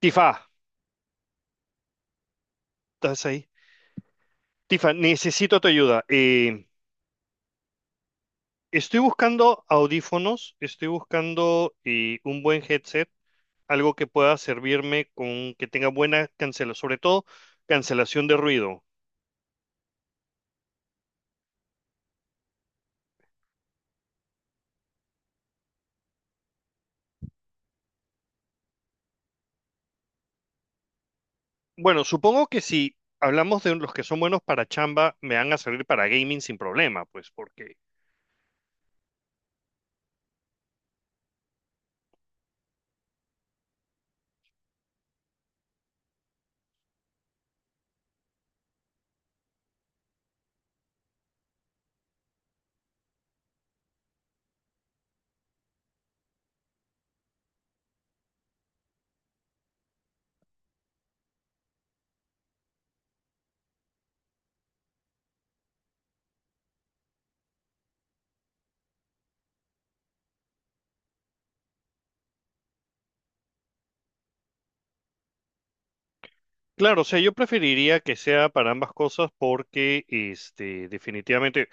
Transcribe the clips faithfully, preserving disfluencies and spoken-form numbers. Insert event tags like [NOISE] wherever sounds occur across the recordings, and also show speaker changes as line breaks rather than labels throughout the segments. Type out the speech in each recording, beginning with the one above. Tifa, estás ahí. Tifa, necesito tu ayuda. Eh, estoy buscando audífonos, estoy buscando eh, un buen headset, algo que pueda servirme con que tenga buena cancelación, sobre todo cancelación de ruido. Bueno, supongo que si hablamos de los que son buenos para chamba, me van a servir para gaming sin problema, pues porque... Claro, o sea, yo preferiría que sea para ambas cosas porque, este, definitivamente,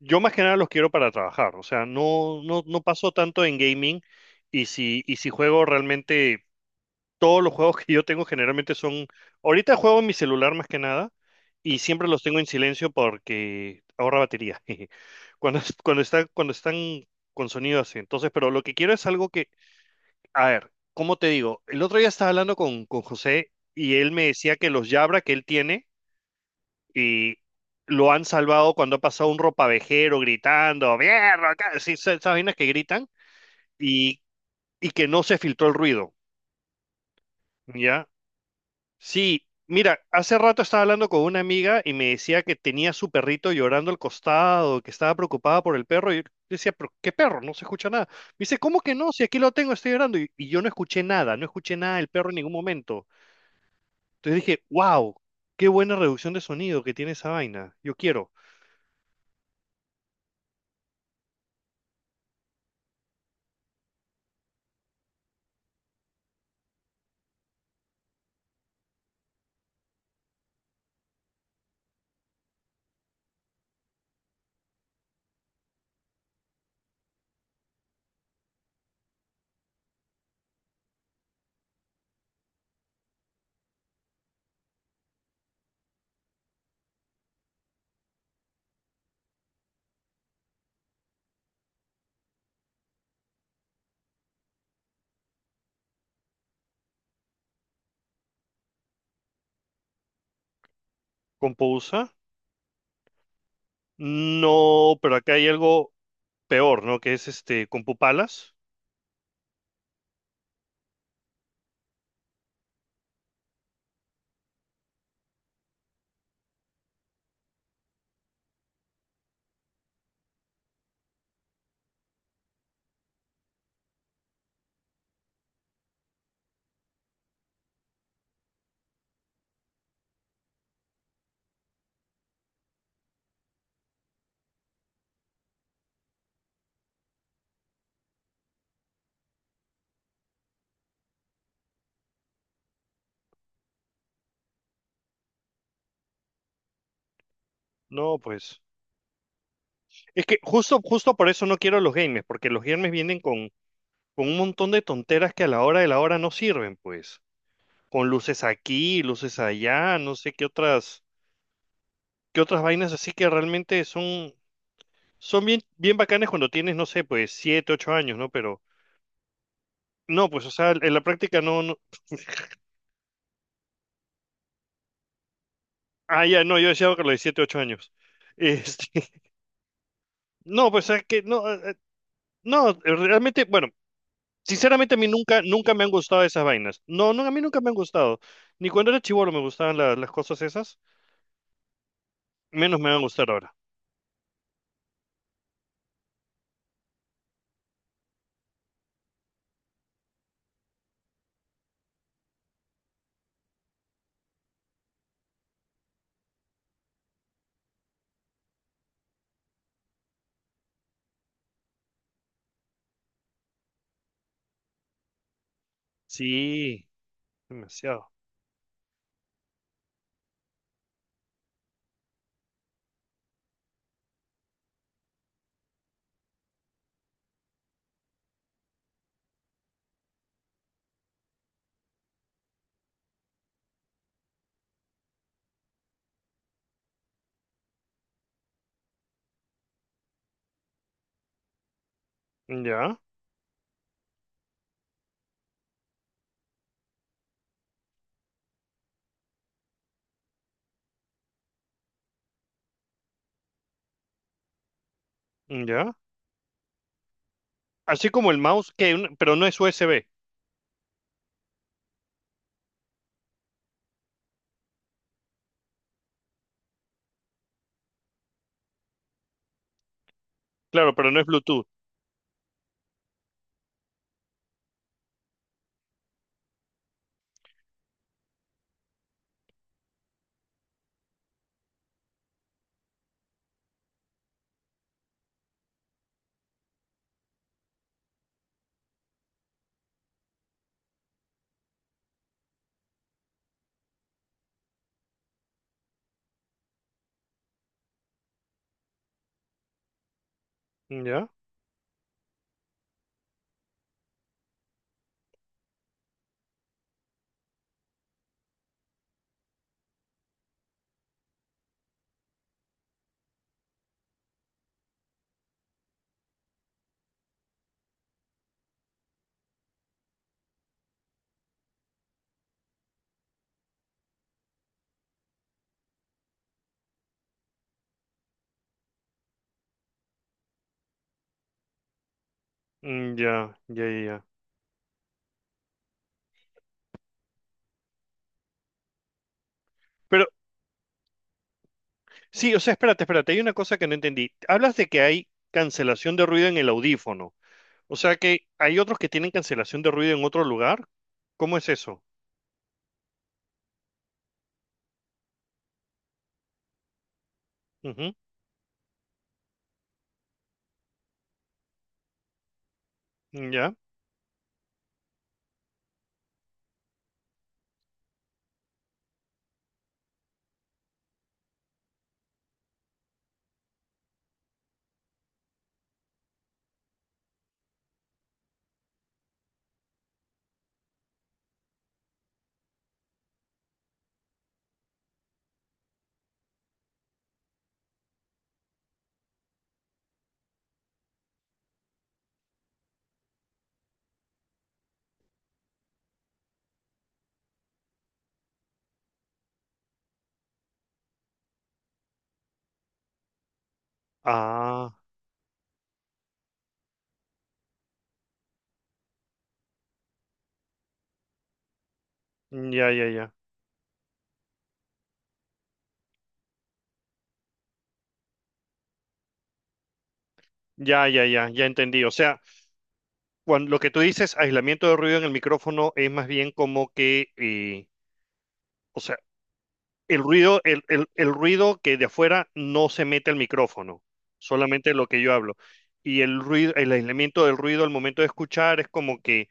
yo más que nada los quiero para trabajar, o sea, no, no, no paso tanto en gaming y si, y si juego realmente, todos los juegos [LAUGHS] que yo tengo generalmente son, ahorita juego en mi celular más que nada y siempre los tengo en silencio porque ahorra batería, [LAUGHS] jeje, cuando, cuando está, cuando están con sonido así, entonces, pero lo que quiero es algo... A ver, ¿cómo te digo? El otro día estaba hablando con, con José y él me decía que los Jabra que él tiene y lo han salvado cuando ha pasado un ropavejero gritando, "¡Mierda! Acá", sí, esas esas vainas que gritan y, y que no se filtró el ruido, ¿ya? Sí, mira, hace rato estaba hablando con una amiga y me decía que tenía su perrito llorando al costado, que estaba preocupada por el perro y yo decía, ¿pero qué perro? No se escucha nada. Me dice, ¿cómo que no? Si aquí lo tengo, estoy llorando y, y yo no escuché nada, no escuché nada del perro en ningún momento. Entonces dije, wow, qué buena reducción de sonido que tiene esa vaina. Yo quiero. ¿Compousa? No, pero acá hay algo peor, ¿no? Que es este, Compupalas. No, pues. Es que justo, justo por eso no quiero los gamers, porque los gamers vienen con, con un montón de tonteras que a la hora de la hora no sirven, pues. Con luces aquí, luces allá, no sé qué otras, qué otras vainas así que realmente son, son bien, bien bacanes cuando tienes, no sé, pues, siete, ocho años, ¿no? Pero... No, pues, o sea, en la práctica no, no... Ah, ya, no, yo decía que a los siete, ocho años. Este, [LAUGHS] no, pues es que no, eh, eh, no, eh, realmente, bueno, sinceramente a mí nunca, nunca me han gustado esas vainas. No, no, a mí nunca me han gustado. Ni cuando era chibolo me gustaban la- las cosas esas, menos me van a gustar ahora. Sí, demasiado. Ya, ya. Así como el mouse, que, un- pero no es U S B, claro, pero no es Bluetooth. Ya, mm, ya, ya, ya. Ya. Pero sí, o sea, espérate, espérate, hay una cosa que no entendí. Hablas de que hay cancelación de ruido en el audífono. O sea que hay otros que tienen cancelación de ruido en otro lugar. ¿Cómo es eso? Ujú. Ya. Ah, ya, ya, ya. Ya, ya, ya, ya entendí. O sea, cuando, lo que tú dices, aislamiento de ruido en el micrófono, es más bien como que, eh, o sea, el ruido, el, el, el ruido que de afuera no se mete al micrófono, solamente lo que yo hablo. Y el ruido, el aislamiento del ruido al momento de escuchar es como que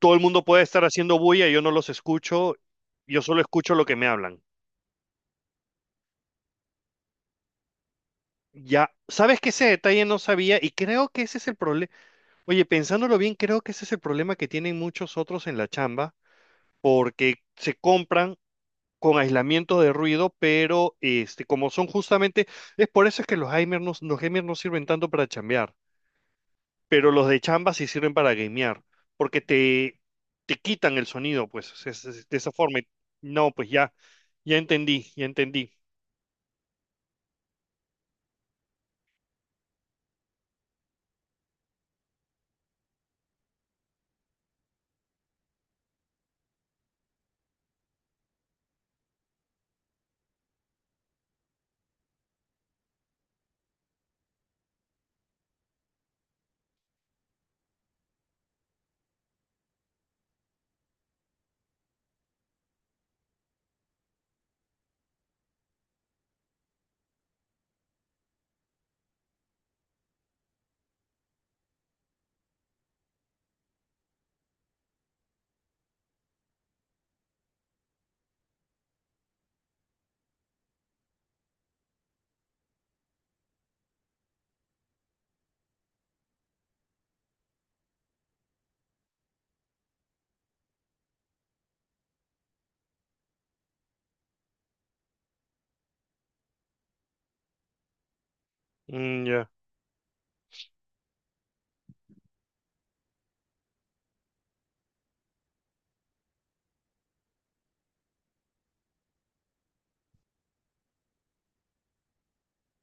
todo el mundo puede estar haciendo bulla, yo no los escucho, yo solo escucho lo que me hablan. Ya, sabes que ese detalle no sabía y creo que ese es el problema. Oye, pensándolo bien, creo que ese es el problema que tienen muchos otros en la chamba, porque se compran con aislamiento de ruido, pero este, como son justamente, es por eso es que los gamers no, los gamers no sirven tanto para chambear, pero los de chamba sí sirven para gamear, porque te, te quitan el sonido, pues, es- es- es de esa forma. Y... No, pues ya, ya entendí, ya entendí. Mm, ya.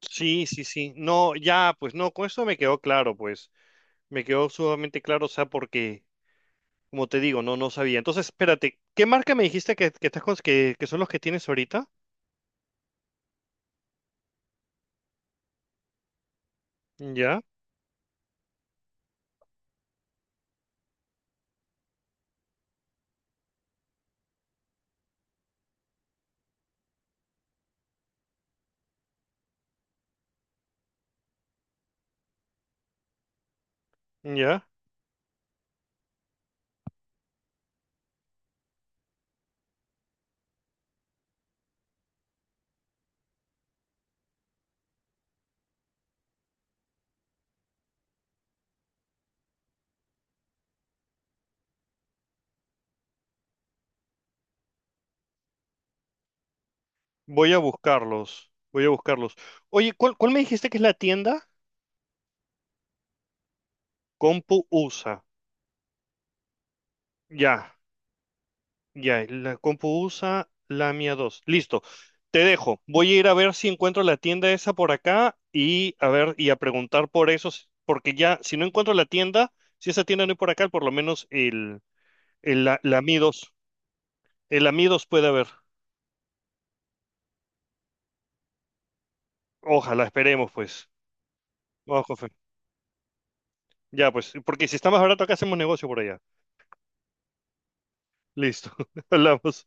Sí, sí, sí. No, ya, pues no, con eso me quedó claro, pues. Me quedó sumamente claro, o sea, porque, como te digo, no, no sabía. Entonces, espérate, ¿qué marca me dijiste que, que estás cons- que, que son los que tienes ahorita? Ya, ya. Voy a buscarlos. Voy a buscarlos. Oye, ¿cuál, cuál me dijiste que es la tienda? Compu U S A. Ya, ya. La Compu U S A Lamia dos. Listo. Te dejo. Voy a ir a ver si encuentro la tienda esa por acá y a ver y a preguntar por esos, porque ya, si no encuentro la tienda, si esa tienda no hay por acá, por lo menos el, el la, la Mi dos. El Amidos puede haber. Ojalá, esperemos, pues. Vamos con fe. Ya, pues, porque si está más barato acá, hacemos negocio por allá. Listo. [LAUGHS] Hablamos.